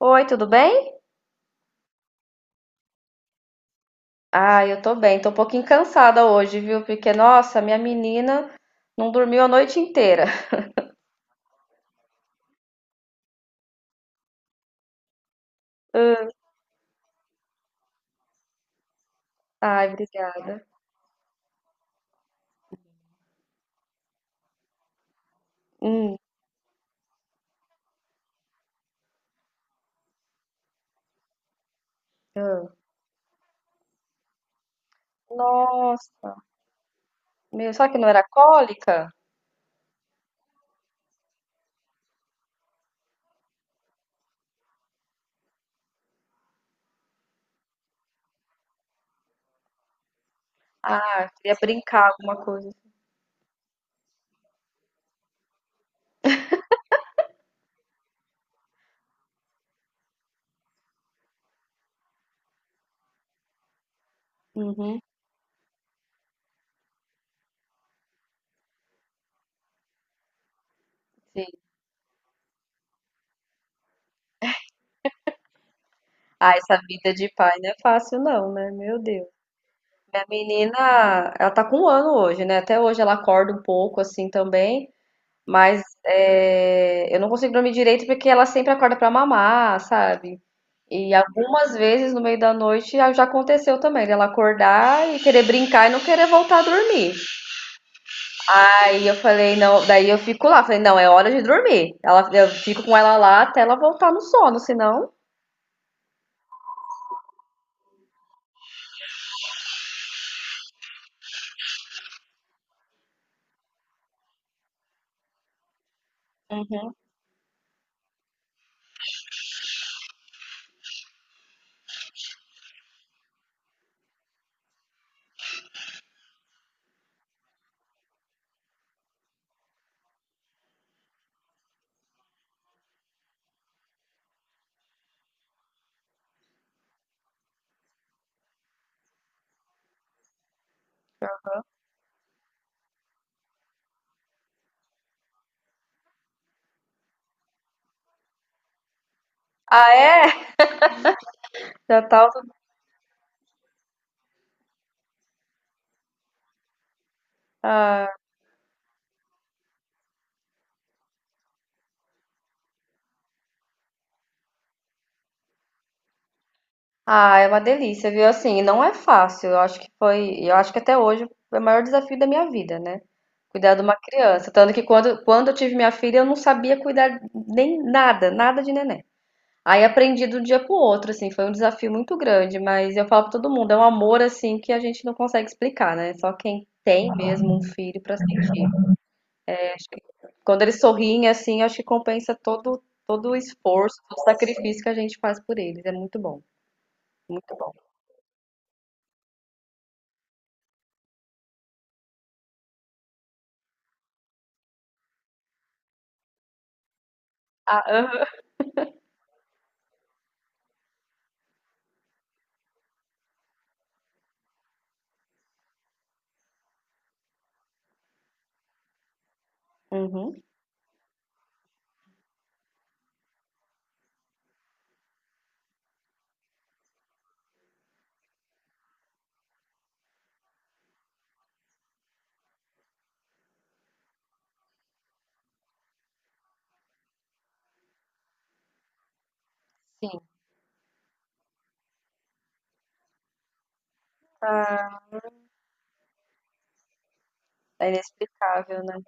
Oi, tudo bem? Ah, eu tô bem. Tô um pouquinho cansada hoje, viu? Porque, nossa, minha menina não dormiu a noite inteira. Hum. Ai, obrigada. Hum, hum. Nossa, meu, só que não era cólica? Ah, queria brincar alguma coisa. Uhum, sim. Ah, essa vida de pai não é fácil não, né? Meu Deus. Minha menina, ela tá com um ano hoje, né? Até hoje ela acorda um pouco assim também. Mas, eu não consigo dormir direito porque ela sempre acorda pra mamar, sabe. E algumas vezes no meio da noite a já aconteceu também, dela acordar e querer brincar e não querer voltar a dormir. Aí eu falei: "Não", daí eu fico lá, falei: "Não, é hora de dormir". Ela eu fico com ela lá até ela voltar no sono, senão. Uhum. Ah, é? Já tá. Ah, é uma delícia, viu? Assim, não é fácil. Eu acho que até hoje foi o maior desafio da minha vida, né? Cuidar de uma criança. Tanto que quando eu tive minha filha, eu não sabia cuidar nem nada, nada de neném. Aí aprendi do dia pro outro, assim, foi um desafio muito grande, mas eu falo pra todo mundo, é um amor assim que a gente não consegue explicar, né? Só quem tem mesmo um filho pra sentir. Quando eles sorriem assim, acho que compensa todo o esforço, todo o sacrifício que a gente faz por eles. É muito bom, muito bom. Ah. Uhum. Sim. Ah, é inexplicável, né?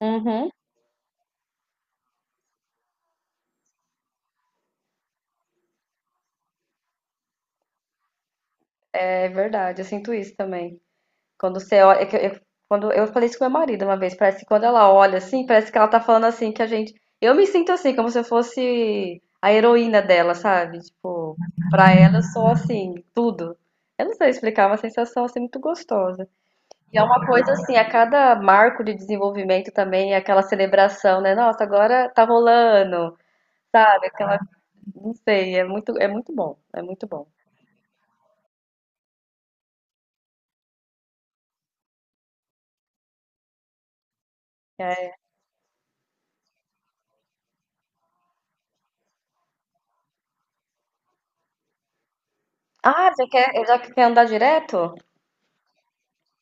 Uhum. É verdade, eu sinto isso também. Quando você olha, quando eu falei isso com meu marido uma vez, parece que quando ela olha assim, parece que ela tá falando assim que a gente, eu me sinto assim, como se eu fosse a heroína dela, sabe? Tipo, pra ela eu sou assim, tudo. Eu não sei explicar, é uma sensação assim muito gostosa. E é uma coisa assim, a cada marco de desenvolvimento também, é aquela celebração, né? Nossa, agora tá rolando, sabe? Não sei, é muito bom, é muito bom. É. Ah, já quer andar direto?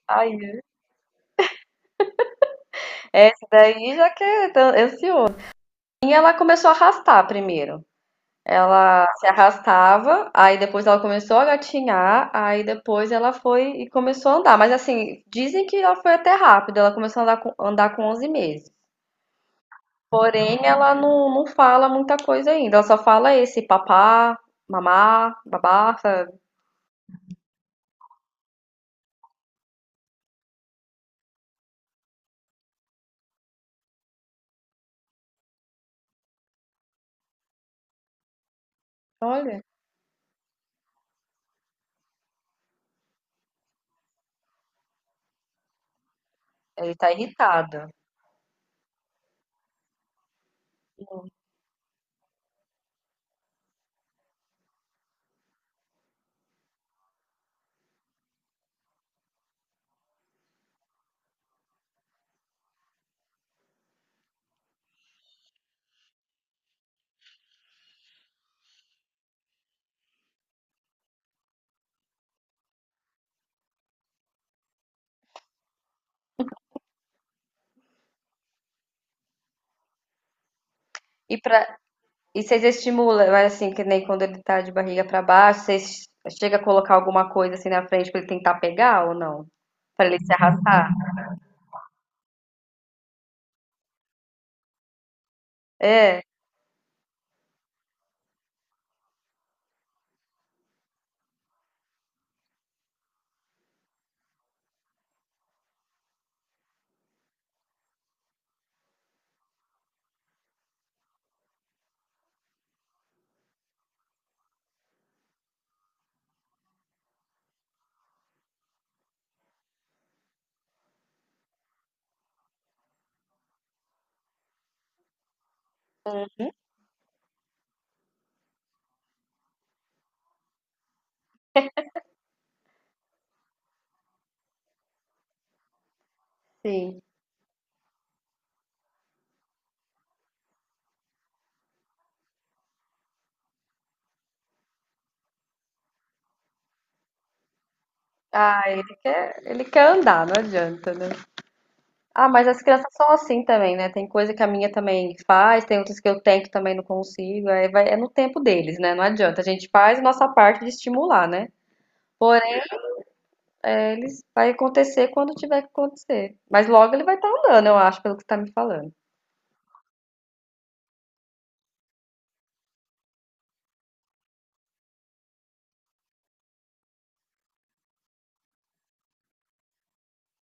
Aí, essa daí já quer, tá ansioso. E ela começou a arrastar primeiro. Ela se arrastava, aí depois ela começou a gatinhar, aí depois ela foi e começou a andar. Mas assim, dizem que ela foi até rápido, ela começou a andar com 11 meses. Porém, ela não fala muita coisa ainda, ela só fala esse papá, mamá, babá, sabe? Olha, ele tá irritado. E pra. E vocês estimulam, mas assim, que nem quando ele tá de barriga pra baixo, vocês chega a colocar alguma coisa assim na frente pra ele tentar pegar ou não? Pra ele se arrastar? É, sim. Ah, ele quer andar, não adianta, né? Ah, mas as crianças são assim também, né? Tem coisa que a minha também faz, tem outras que eu tento também não consigo. Aí vai, é no tempo deles, né? Não adianta. A gente faz a nossa parte de estimular, né? Porém, eles vai acontecer quando tiver que acontecer. Mas logo ele vai estar andando, eu acho, pelo que você tá me falando.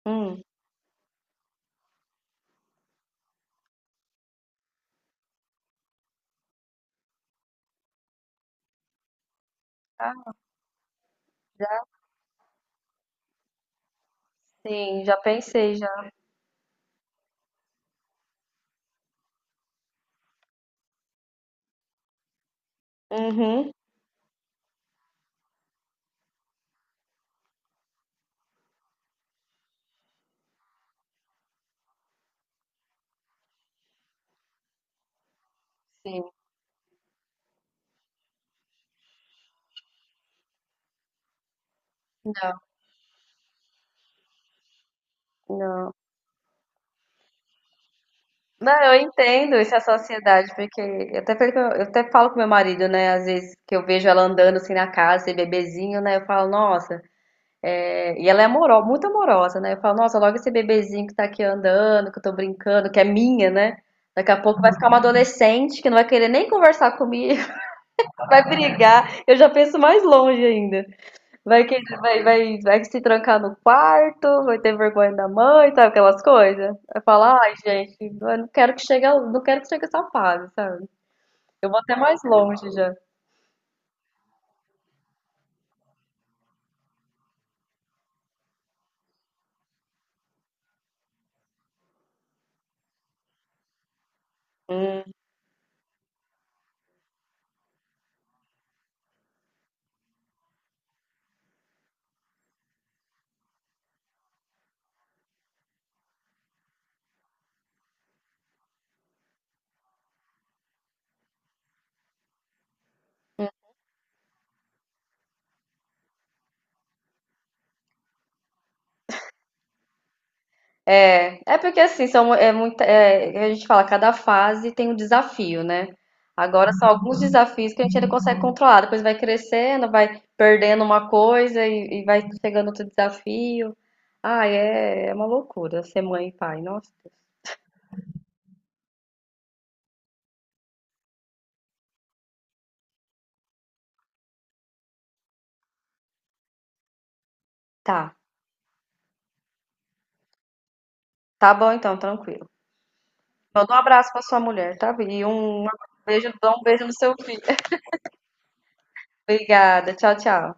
Hum. Ah. Sim, já pensei já. Uhum. Sim, não. Não. Não, eu entendo essa sociedade, porque eu até falo com meu marido, né? Às vezes que eu vejo ela andando assim na casa, esse bebezinho, né? Eu falo, nossa, é... e ela é amorosa, muito amorosa, né? Eu falo, nossa, logo esse bebezinho que tá aqui andando, que eu tô brincando, que é minha, né? Daqui a pouco vai ficar uma adolescente que não vai querer nem conversar comigo, vai brigar. Eu já penso mais longe ainda. Vai que, vai se trancar no quarto, vai ter vergonha da mãe, sabe aquelas coisas? Vai falar, ai, gente, eu não quero que chegue, ao- não quero que chegue essa fase, sabe? Vou até mais longe já. Hum, é. É porque assim, são, é muita, é, a gente fala, cada fase tem um desafio, né? Agora são alguns desafios que a gente ainda consegue controlar. Depois vai crescendo, vai perdendo uma coisa e vai chegando outro desafio. Ah, é uma loucura ser mãe e pai. Nossa. Tá. Tá bom então, tranquilo. Manda um abraço pra sua mulher, tá? Vi? E um beijo, dá um beijo no seu filho. Obrigada. Tchau, tchau.